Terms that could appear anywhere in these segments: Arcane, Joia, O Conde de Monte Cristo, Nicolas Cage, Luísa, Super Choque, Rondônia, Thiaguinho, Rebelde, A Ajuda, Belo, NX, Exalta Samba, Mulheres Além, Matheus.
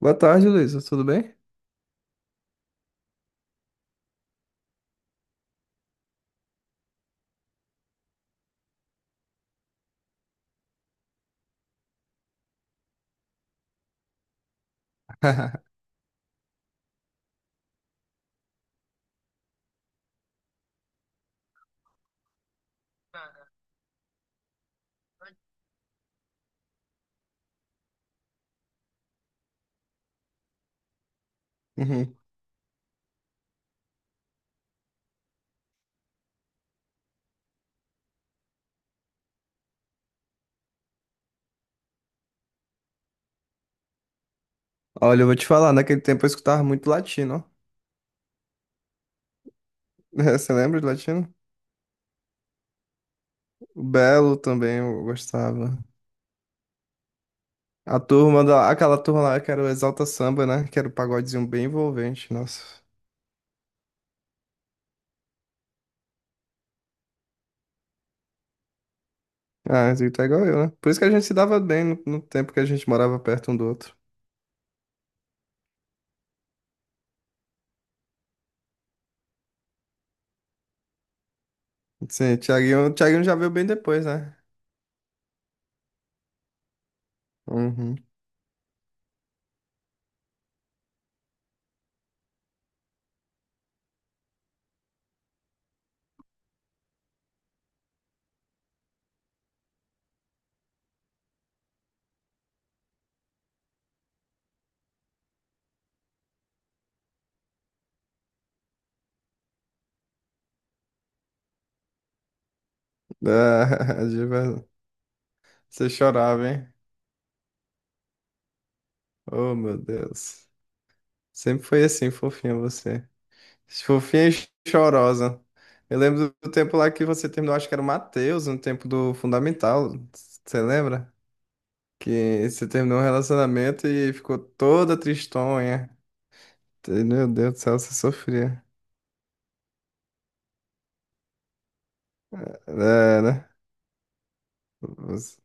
Boa tarde, Luísa. Tudo bem? Uhum. Olha, eu vou te falar, naquele tempo eu escutava muito latino, ó. Você lembra de latino? O Belo também eu gostava. A turma da... Aquela turma lá que era o Exalta Samba, né? Que era o pagodezinho bem envolvente, nossa. Ah, você tá igual eu, né? Por isso que a gente se dava bem no tempo que a gente morava perto um do outro. Sim, o Thiaguinho já veio bem depois, né? Uhum. Ah, de verdade. Você chorava, hein? Oh, meu Deus. Sempre foi assim, fofinho você. Fofinha e chorosa. Eu lembro do tempo lá que você terminou, acho que era o Matheus, no tempo do Fundamental. Você lembra? Que você terminou um relacionamento e ficou toda tristonha. Meu Deus do céu, você sofria. É, né? Você...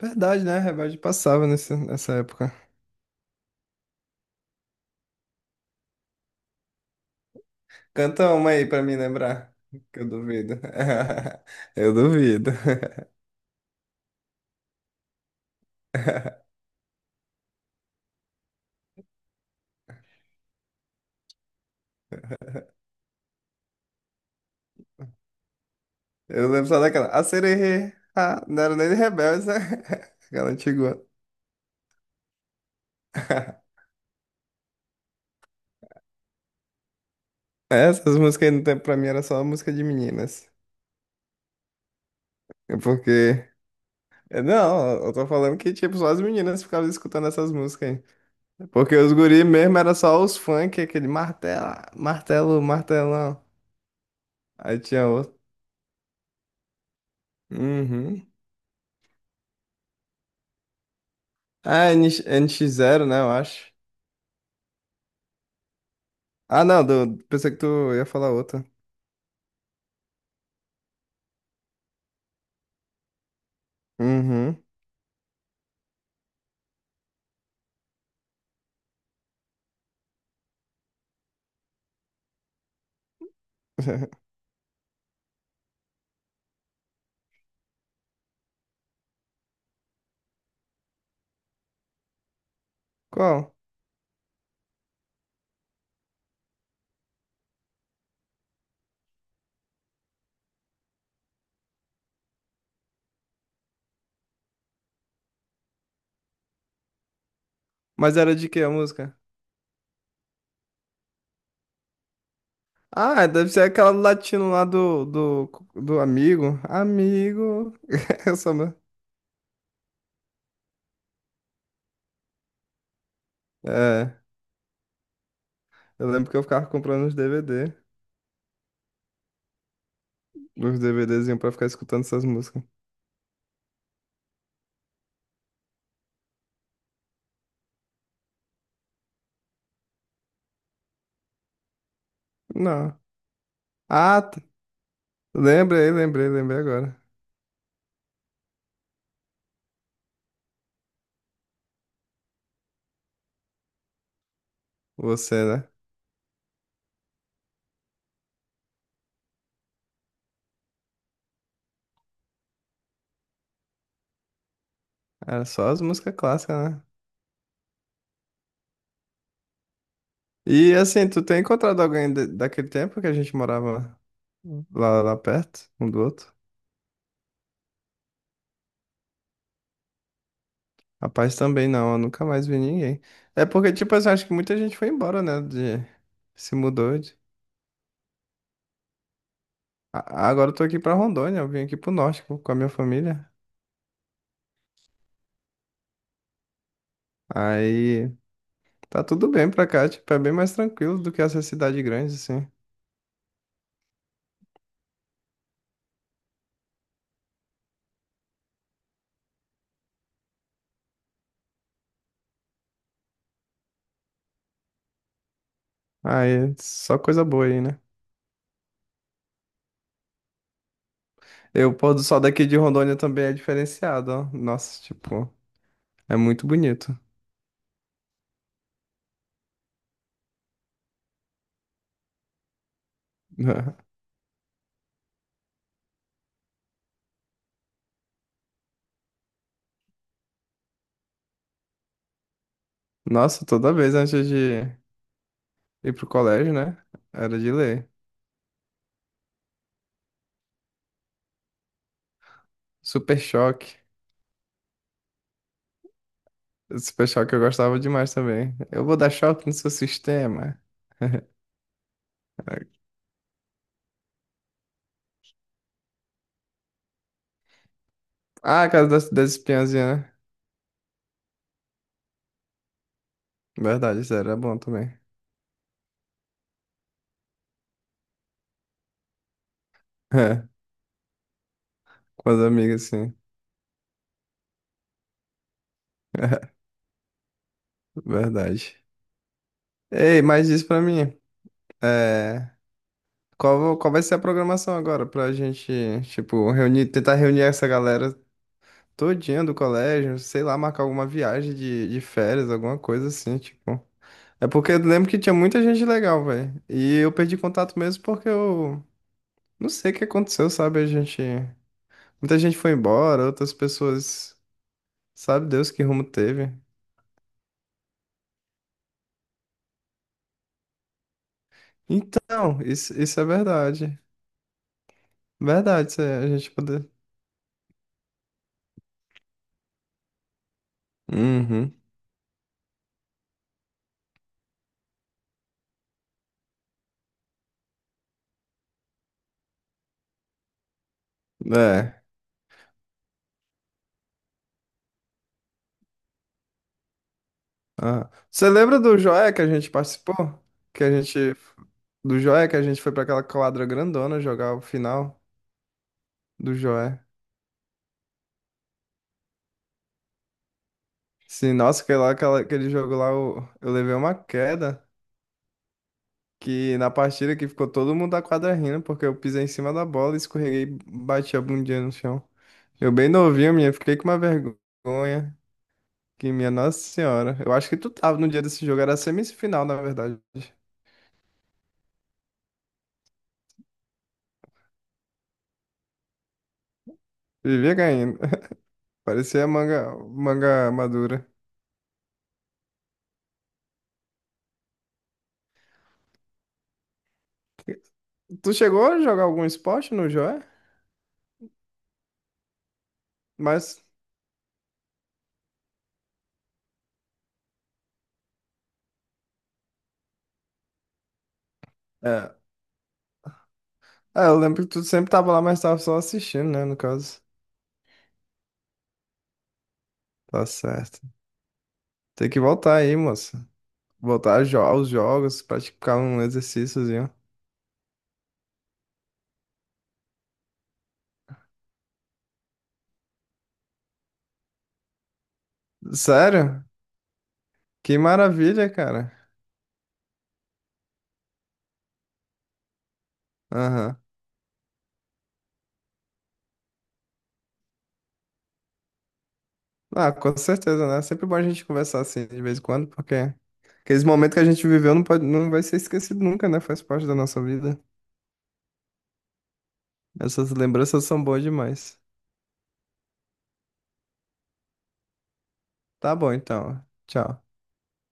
Verdade, né? Rebelde passava nessa época. Canta uma aí pra me lembrar. Que eu duvido. Eu duvido. Eu lembro só daquela. A sererê. Ah, não era nem de Rebeldes, né? Aquela antiga. É, essas músicas não tem pra mim, era só música de meninas. É porque... é, não, eu tô falando que, tipo, só as meninas ficavam escutando essas músicas aí. É porque os guri mesmo era só os funk, aquele martelo, martelo, martelão. Aí tinha outro. Uhum. Ah, NX, nx zero né, eu acho. Ah, não, do- pensei que tu ia falar outra. Uhum. Qual? Mas era de que a música? Ah, deve ser aquela do latino lá do amigo. Amigo. Essa, né? É. Eu lembro que eu ficava comprando os DVD, os DVDzinhos pra ficar escutando essas músicas. Não. Ah, t- lembrei agora. Você, né? Era só as músicas clássicas, né? E assim, tu tem encontrado alguém de- daquele tempo que a gente morava lá perto, um do outro? Rapaz, também não, eu nunca mais vi ninguém. É porque, tipo assim, acho que muita gente foi embora, né? De... Se mudou de... Agora eu tô aqui pra Rondônia, eu vim aqui pro norte com a minha família. Aí. Tá tudo bem pra cá, tipo, é bem mais tranquilo do que essa cidade grande, assim. Aí, só coisa boa aí, né? E o pôr do sol daqui de Rondônia também é diferenciado, ó. Nossa, tipo, é muito bonito. Nossa, toda vez antes de ir pro colégio, né? Era de ler. Super choque. Super choque eu gostava demais também. Eu vou dar choque no seu sistema. Ah, a casa das espiãzinhas, né? Verdade, isso era bom também. Com as amigas, sim. Verdade. Ei, mas diz pra mim, é, qual vai ser a programação agora pra gente, tipo, reunir, tentar reunir essa galera todinha do colégio, sei lá, marcar alguma viagem de férias, alguma coisa assim, tipo. É porque eu lembro que tinha muita gente legal, velho. E eu perdi contato mesmo porque eu não sei o que aconteceu, sabe? A gente, muita gente foi embora, outras pessoas, sabe Deus que rumo teve. Então, isso é verdade. Verdade, isso é- a gente poder. Uhum. É. Ah. Você lembra do Joia que a gente participou? Que a gente... Do Joia que a gente foi pra aquela quadra grandona jogar o final do Joia. Sim, nossa, que lá, aquela, aquele jogo lá, eu levei uma queda. Que na partida que ficou todo mundo da quadra rindo, porque eu pisei em cima da bola, escorreguei e bati a bundinha no chão. Eu bem novinho, minha, fiquei com uma vergonha. Que minha Nossa Senhora. Eu acho que tu tava no dia desse jogo, era semifinal, na verdade. Vivia ganhando. Parecia manga, manga madura. Tu chegou a jogar algum esporte no Joé? Mas, é, é, eu lembro que tu sempre tava lá, mas tava só assistindo, né, no caso. Tá certo. Tem que voltar aí, moça. Voltar a jo- aos jogos, praticar um exercíciozinho. Sério? Que maravilha, cara. Aham. Ah, com certeza, né? Sempre bom a gente conversar assim de vez em quando, porque aqueles momentos que a gente viveu não pode, não vai ser esquecido nunca, né? Faz parte da nossa vida. Essas lembranças são boas demais. Tá bom, então. Tchau.